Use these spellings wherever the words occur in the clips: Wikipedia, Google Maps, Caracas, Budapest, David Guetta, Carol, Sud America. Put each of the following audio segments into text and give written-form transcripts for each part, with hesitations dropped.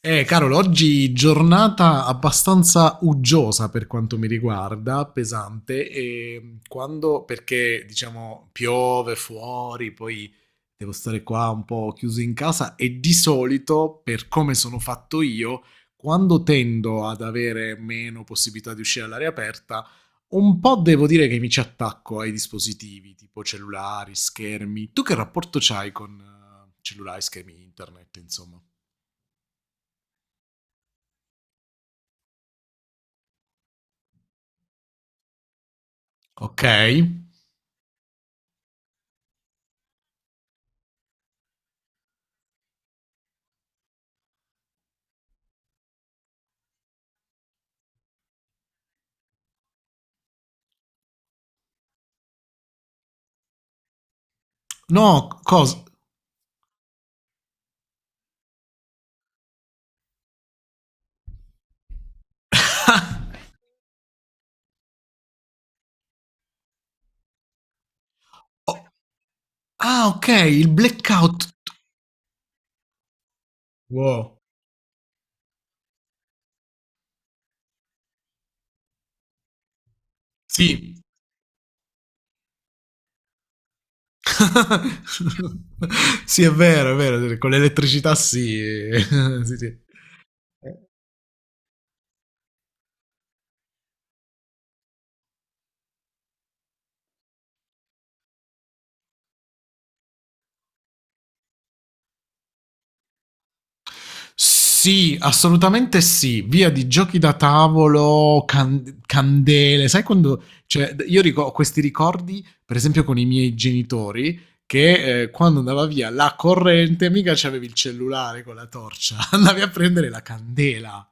Carol, oggi giornata abbastanza uggiosa per quanto mi riguarda, pesante, perché diciamo piove fuori, poi devo stare qua un po' chiuso in casa e di solito, per come sono fatto io, quando tendo ad avere meno possibilità di uscire all'aria aperta, un po' devo dire che mi ci attacco ai dispositivi, tipo cellulari, schermi. Tu che rapporto c'hai con cellulari, schermi, internet, insomma? Ok. No, cosa? Oh, ah, ok, il blackout. Wow. Sì. Sì, è vero, sì, con l'elettricità sì. Sì, sì. Sì, assolutamente sì. Via di giochi da tavolo, candele. Sai quando. Cioè, io ho questi ricordi, per esempio, con i miei genitori, che quando andava via la corrente, mica c'avevi il cellulare con la torcia, andavi a prendere la candela.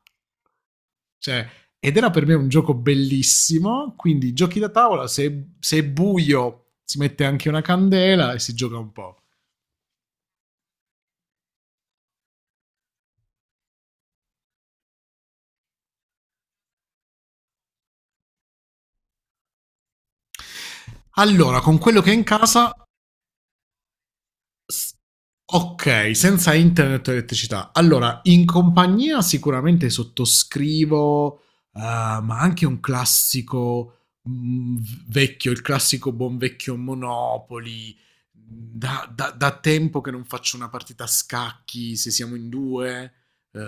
Cioè, ed era per me un gioco bellissimo, quindi giochi da tavola, se è buio si mette anche una candela e si gioca un po'. Allora, con quello che è in casa. S- Ok, senza internet e elettricità. Allora, in compagnia sicuramente sottoscrivo, ma anche un classico vecchio, il classico buon vecchio Monopoli. Da tempo che non faccio una partita a scacchi, se siamo in due, eh,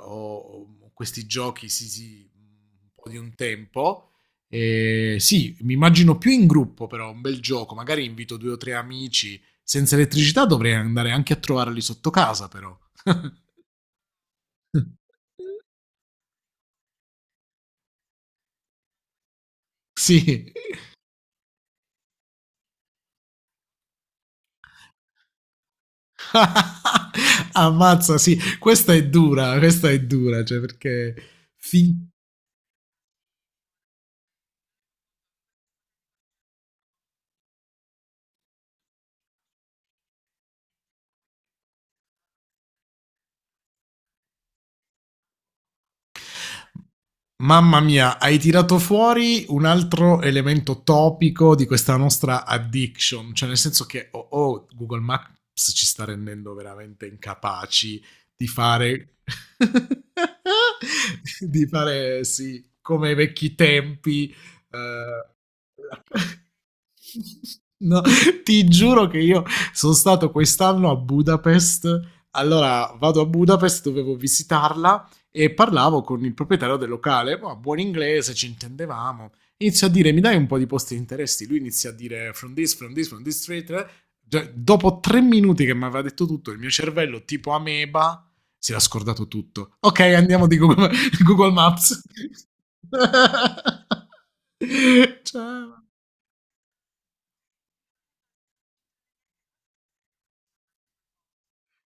o, o questi giochi, sì, sì, un po' di un tempo. Sì, mi immagino più in gruppo, però un bel gioco. Magari invito due o tre amici. Senza elettricità dovrei andare anche a trovarli sotto casa, però. Sì, ammazza, sì, questa è dura, cioè perché. fin- Mamma mia, hai tirato fuori un altro elemento topico di questa nostra addiction, cioè nel senso che oh, oh, Google Maps ci sta rendendo veramente incapaci di fare, di fare sì, come ai vecchi tempi. eh. No, ti giuro che io sono stato quest'anno a Budapest. Allora vado a Budapest, dovevo visitarla e parlavo con il proprietario del locale, oh, buon inglese, ci intendevamo. Inizio a dire, mi dai un po' di posti di interessi? Lui inizia a dire, from this, from this, from this street. Cioè, dopo 3 minuti che mi aveva detto tutto, il mio cervello, tipo ameba, si era scordato tutto. Ok, andiamo di Google, Google Maps. Ciao.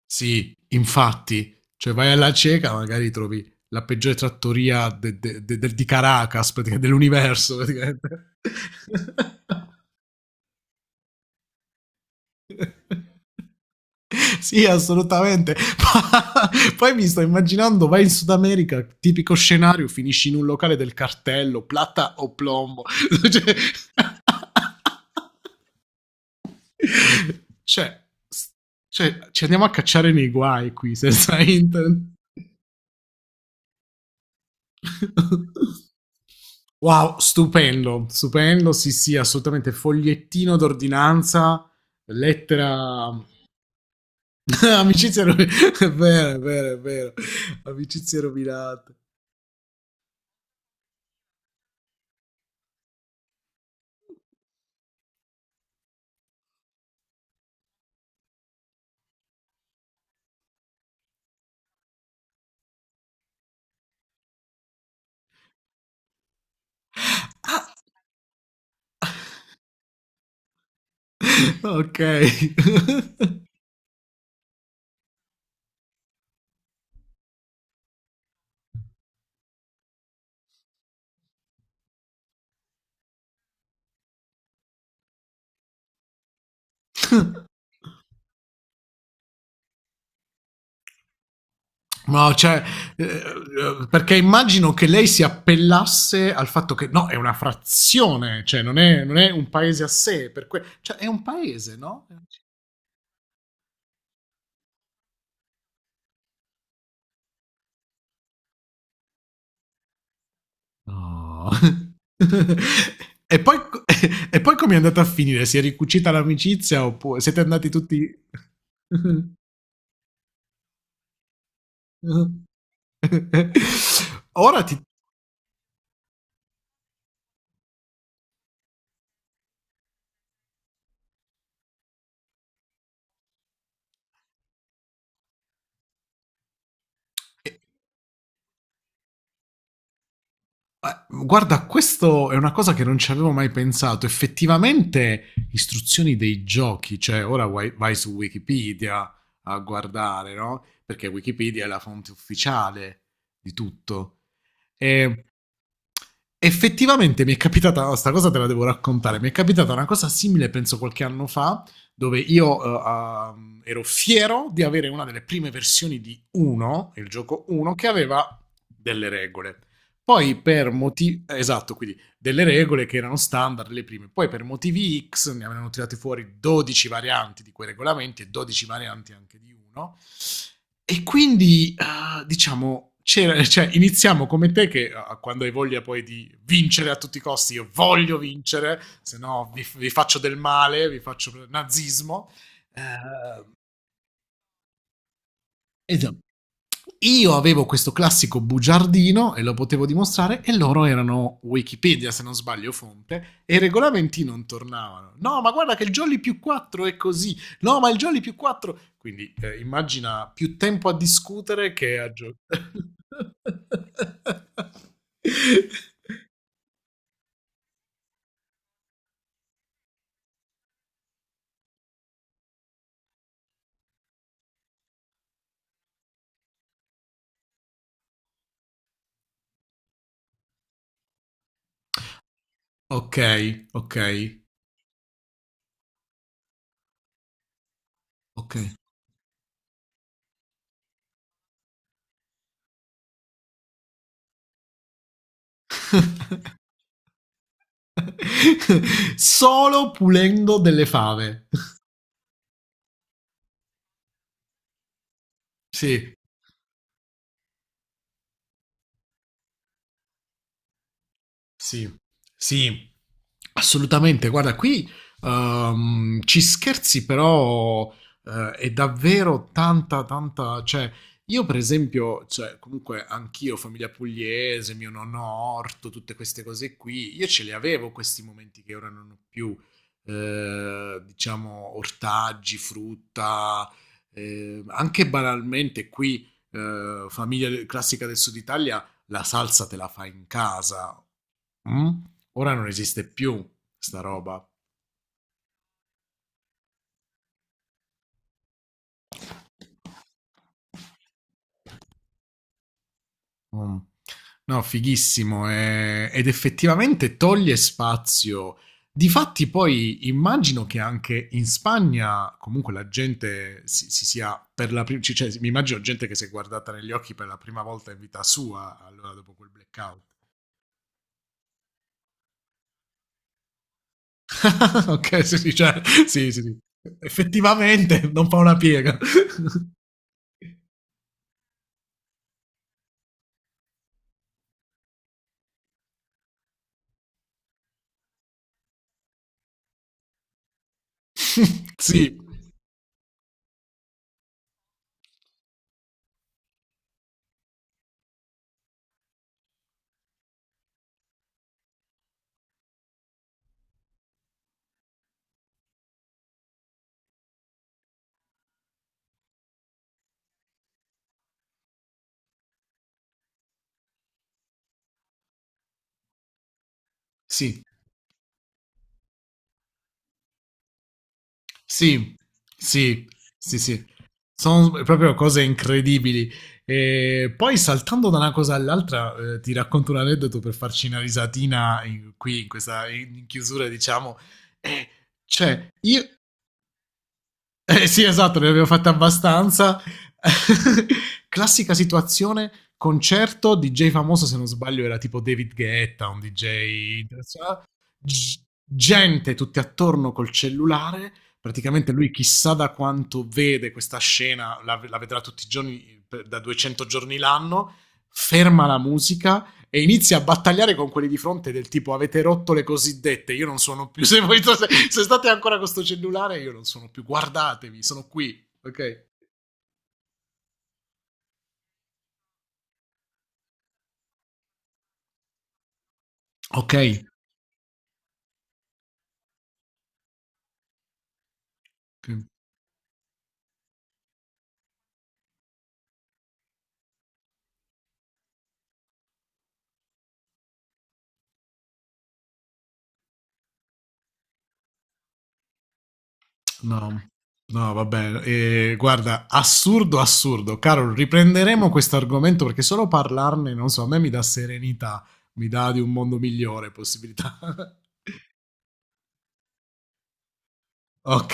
Sì, infatti, cioè vai alla cieca, magari trovi la peggiore trattoria di Caracas, praticamente, dell'universo, praticamente. Sì, assolutamente. Ma- Poi mi sto immaginando, vai in Sud America, tipico scenario, finisci in un locale del cartello, plata o plombo. Cioè, cioè, s- cioè, ci andiamo a cacciare nei guai qui senza internet. Wow, stupendo, stupendo, sì, sì, assolutamente, fogliettino d'ordinanza, lettera, amicizie rovinate, è vero, è vero, è vero, amicizie rovinate. Ah, ok. No, cioè, perché immagino che lei si appellasse al fatto che no, è una frazione, cioè non è un paese a sé, cioè è un paese, no? No. E poi co e poi com'è andata a finire? Si è ricucita l'amicizia oppu siete andati tutti. Ora ti. E a, guarda, questo è una cosa che non ci avevo mai pensato. Effettivamente istruzioni dei giochi, cioè ora vai su Wikipedia a guardare, no, perché Wikipedia è la fonte ufficiale di tutto. Ehm Effettivamente mi è capitata, oh, sta cosa te la devo raccontare, mi è capitata una cosa simile, penso qualche anno fa, dove io ero fiero di avere una delle prime versioni di Uno, il gioco Uno, che aveva delle regole. Poi per motivi. Esatto, quindi delle regole che erano standard le prime. Poi per motivi X ne avevano tirate fuori 12 varianti di quei regolamenti e 12 varianti anche di uno. E quindi, diciamo, cioè, iniziamo come te che quando hai voglia poi di vincere a tutti i costi, io voglio vincere, se no vi faccio del male, vi faccio nazismo. Eh, Esatto. Io avevo questo classico bugiardino e lo potevo dimostrare e loro erano Wikipedia, se non sbaglio, fonte, e i regolamenti non tornavano. No, ma guarda che il Jolly più 4 è così. No, ma il Jolly più 4. Quindi immagina più tempo a discutere che a giocare. Ok, ok, ok. Solo pulendo delle fave. Sì, sì, sì, assolutamente. Guarda, qui ci scherzi, però è davvero tanta, tanta. Cioè, io per esempio, cioè, comunque anch'io, famiglia pugliese, mio nonno Orto, tutte queste cose qui, io ce le avevo questi momenti che ora non ho più. Diciamo, ortaggi, frutta, anche banalmente qui, famiglia classica del Sud Italia la salsa te la fai in casa. Mh? Ora non esiste più sta roba. Mh. No, fighissimo, ed effettivamente toglie spazio. Difatti poi immagino che anche in Spagna comunque la gente si sia per la pri c cioè mi immagino gente che si è guardata negli occhi per la prima volta in vita sua allora dopo quel blackout. Okay, sì, sì, cioè sì, sì, sì. Effettivamente non fa una piega. Sì, sì. Sì, sì, sì, sì. Sono proprio cose incredibili. E poi saltando da una cosa all'altra, ti racconto un aneddoto per farci una risatina qui in questa in chiusura, diciamo. Eh, cioè, io sì, esatto, ne abbiamo fatte abbastanza. Classica situazione, concerto, DJ famoso, se non sbaglio era tipo David Guetta, un DJ internazionale. G- gente tutti attorno col cellulare, praticamente lui chissà da quanto vede questa scena, la vedrà tutti i giorni, da 200 giorni l'anno, ferma la musica, e inizia a battagliare con quelli di fronte del tipo avete rotto le cosiddette, io non sono più, se, voi, se, se state ancora con sto cellulare io non sono più, guardatemi, sono qui, ok? Ok, no, no, vabbè, guarda, assurdo, assurdo, caro, riprenderemo questo argomento perché solo parlarne, non so, a me mi dà serenità, mi dà di un mondo migliore possibilità. Ok.